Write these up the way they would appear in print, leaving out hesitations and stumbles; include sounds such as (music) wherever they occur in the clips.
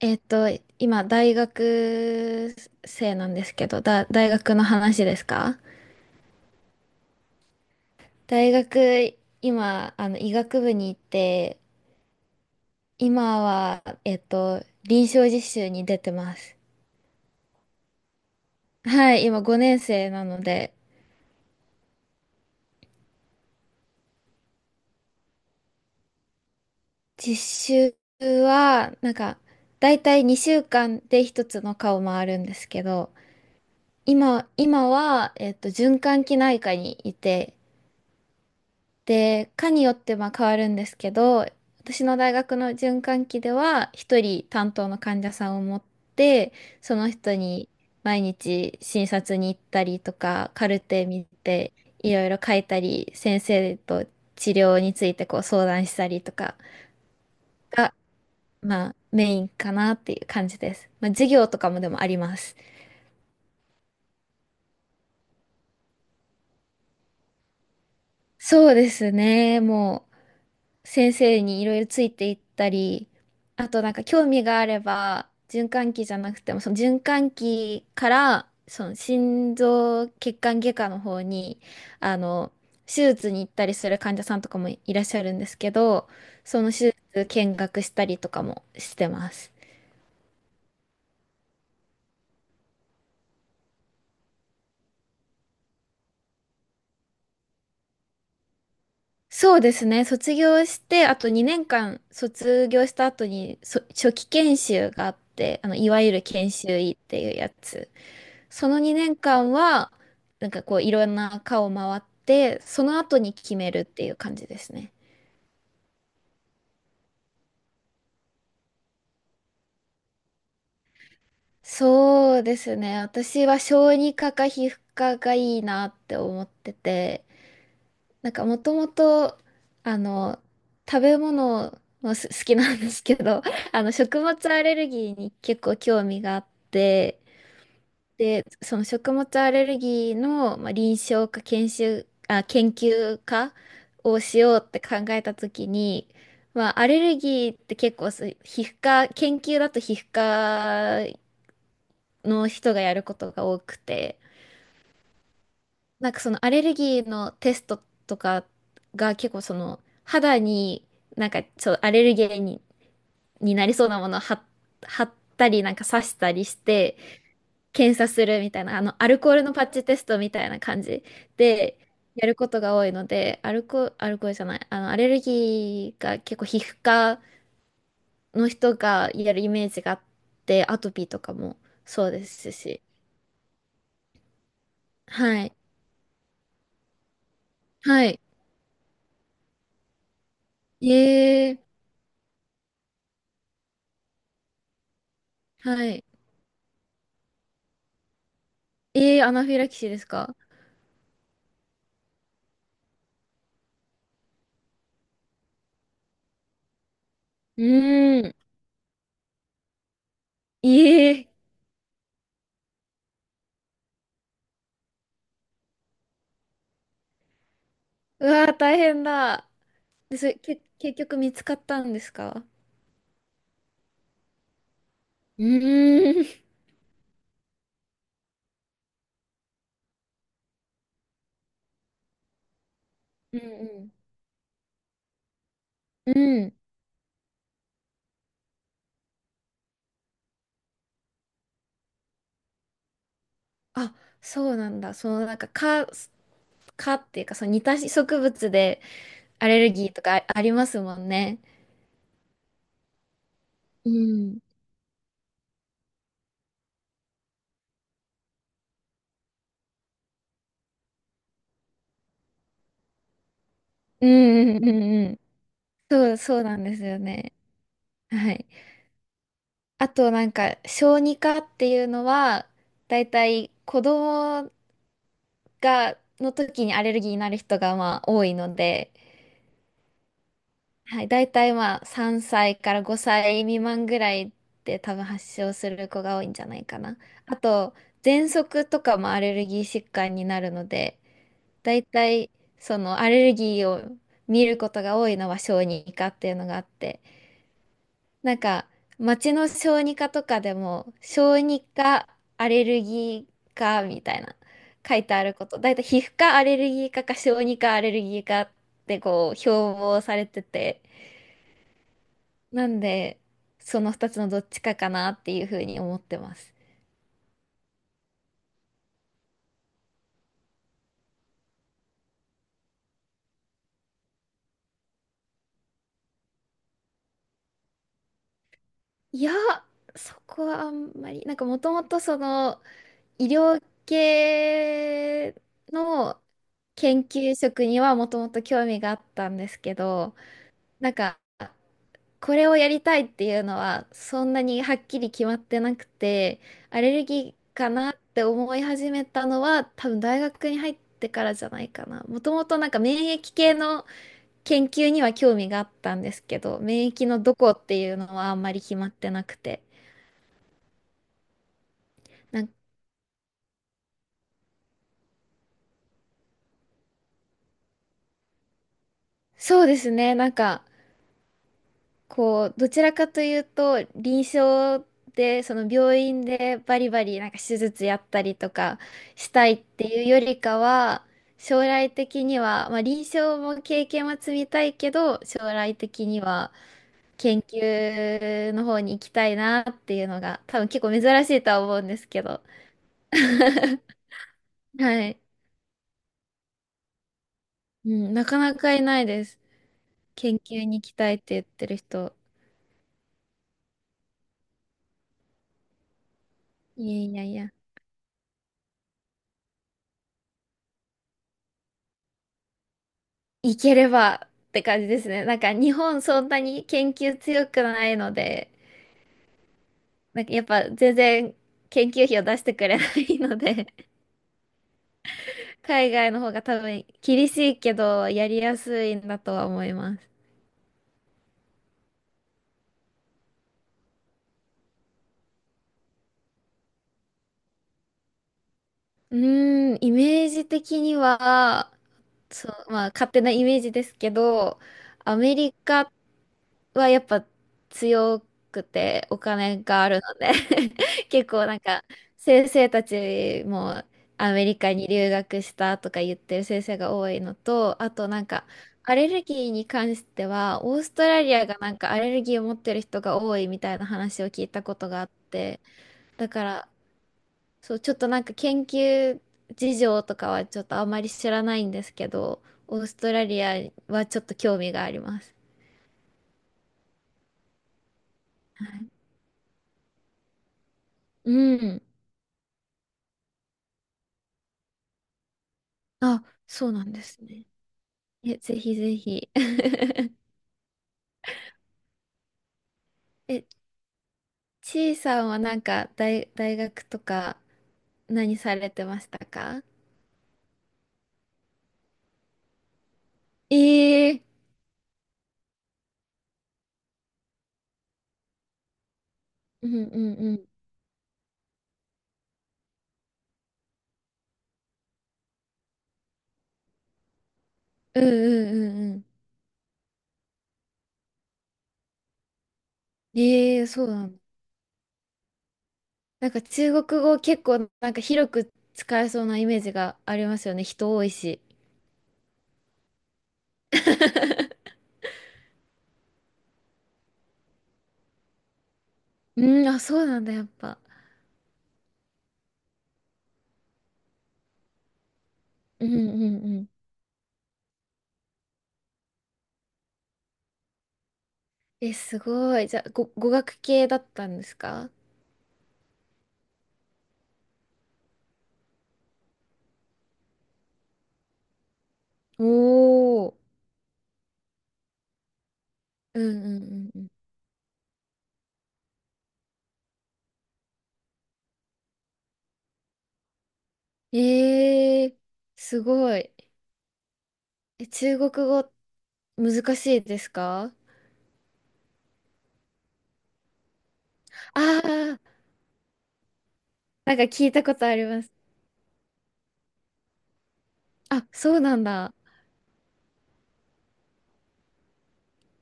えっと、今、大学生なんですけど、大学の話ですか？大学、今、医学部に行って、今は、臨床実習に出てます。はい、今5年生なので、実習は、なんか、だいたい2週間で一つの科を回るんですけど、今は、循環器内科にいて、で、科によってまあ変わるんですけど、私の大学の循環器では、一人担当の患者さんを持って、その人に毎日診察に行ったりとか、カルテ見て、いろいろ書いたり、先生と治療についてこう相談したりとかが、まあメインかなっていう感じです。まあ授業とかもでもあります。そうですね。もう先生にいろいろついていったり、あとなんか興味があれば、循環器じゃなくても、その循環器から、その心臓血管外科の方に、あの、手術に行ったりする患者さんとかもいらっしゃるんですけど、その手術見学したりとかもしてます。そうですね。卒業して、あと2年間卒業した後に、初期研修があって、いわゆる研修医っていうやつ。その2年間は、なんかこういろんな科を回って、その後に決めるっていう感じですね。そうですね。私は小児科か皮膚科がいいなって思ってて、なんかもともと、あの、食べ物も好きなんですけど、(laughs) 食物アレルギーに結構興味があって、で、その食物アレルギーの、まあ、臨床か研修、あ、研究家をしようって考えたときに、まあ、アレルギーって結構そう皮膚科、研究だと皮膚科の人がやることが多くて、なんかそのアレルギーのテストとかが結構その肌になんかちょっとアレルゲンに、になりそうなものを貼ったりなんか刺したりして検査するみたいな、アルコールのパッチテストみたいな感じで、やることが多いので、アルコールじゃない、アレルギーが結構皮膚科の人がやるイメージがあって、アトピーとかもそうですし。はい。はい。ええ、はい。ええ、アナフィラキシーですか？うーん。ええ、うわー、大変だ。で、それ、け、結局見つかったんですか？うーん。うんうん。うん。あ、そうなんだ。その蚊っていうか、その似た植物でアレルギーとかありますもんね。うん。うんうんうんうん。そう、そうなんですよね。はい。あとなんか、小児科っていうのは、だいたい子供が、の時にアレルギーになる人がまあ多いので、はい、大体まあ3歳から5歳未満ぐらいで多分発症する子が多いんじゃないかな。あと、喘息とかもアレルギー疾患になるので、大体そのアレルギーを見ることが多いのは小児科っていうのがあって、なんか町の小児科とかでも小児科アレルギー科みたいな書いてあること、大体皮膚科アレルギー科か小児科アレルギー科ってこう標榜されてて。なんで、その2つのどっちかかなっていうふうに思ってます。いや、そこはあんまり、なんかもともとその医療系の研究職にはもともと興味があったんですけど、なんかこれをやりたいっていうのはそんなにはっきり決まってなくて、アレルギーかなって思い始めたのは多分大学に入ってからじゃないかな。もともとなんか免疫系の研究には興味があったんですけど、免疫のどこっていうのはあんまり決まってなくて。なんそうですね、なんか、こう、どちらかというと、臨床で、その病院でバリバリなんか手術やったりとかしたいっていうよりかは、将来的には、まあ臨床も経験は積みたいけど、将来的には研究の方に行きたいなっていうのが、多分結構珍しいとは思うんですけど。はい。うん、なかなかいないです。研究に行きたいって言ってる人。いやいやいや。行ければって感じですね。なんか日本そんなに研究強くないので、なんかやっぱ全然研究費を出してくれないので、海外の方が多分厳しいけどやりやすいんだとは思います。うーん、イメージ的には、そう、まあ勝手なイメージですけど、アメリカはやっぱ強くてお金があるので (laughs) 結構なんか先生たちもアメリカに留学したとか言ってる先生が多いのと、あとなんかアレルギーに関してはオーストラリアがなんかアレルギーを持ってる人が多いみたいな話を聞いたことがあって、だからそう、ちょっとなんか研究事情とかはちょっとあまり知らないんですけど、オーストラリアはちょっと興味があります。うん。あ、そうなんですね。え、ぜひぜひ。(laughs) え、ちいさんはなんか大学とか何されてましたか？ええー。うんうんうん。うんうんうんうん。ええー、そうなんだ。なんか中国語結構なんか広く使えそうなイメージがありますよね。人多いし。(laughs) うん、あ、そうなんだ、やっぱ。うんうんうん。え、すごい。じゃあ、語学系だったんですか？おおー。うんうんうんうん。えー、すごい。え、中国語難しいですか？ああー、なんか聞いたことあります。あ、そうなんだ。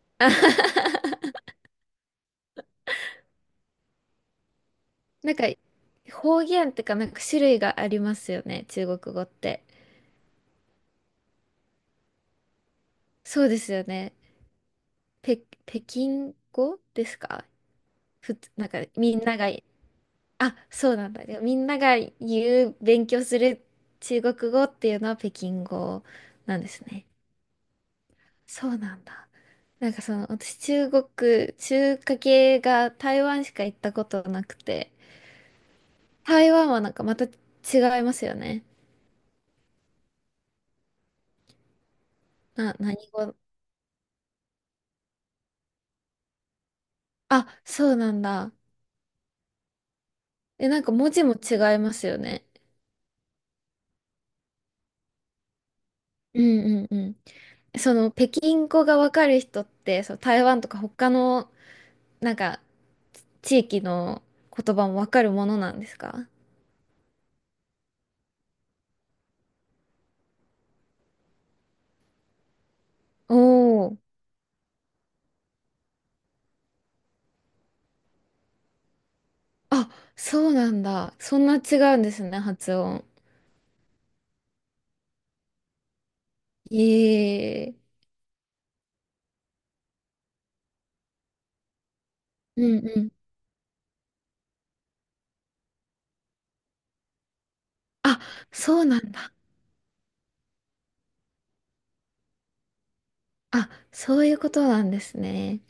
(laughs) あははは。なんか、方言ってか、なんか種類がありますよね、中国語って。そうですよね。ぺ、北京語ですか？なんかみんながあ、そうなんだ。でみんなが言う、勉強する中国語っていうのは北京語なんですね。そうなんだ。なんかその、私中華系が台湾しか行ったことなくて、台湾はなんかまた違いますよね。何語？あ、そうなんだ。え、なんか文字も違いますよね。うんうんうん。その、北京語がわかる人って、その台湾とか他のなんか、地域の言葉もわかるものなんですか？おおー。あ、そうなんだ。そんな違うんですね、発音。ええ。うんうん。あ、そうなんだ。あ、そういうことなんですね。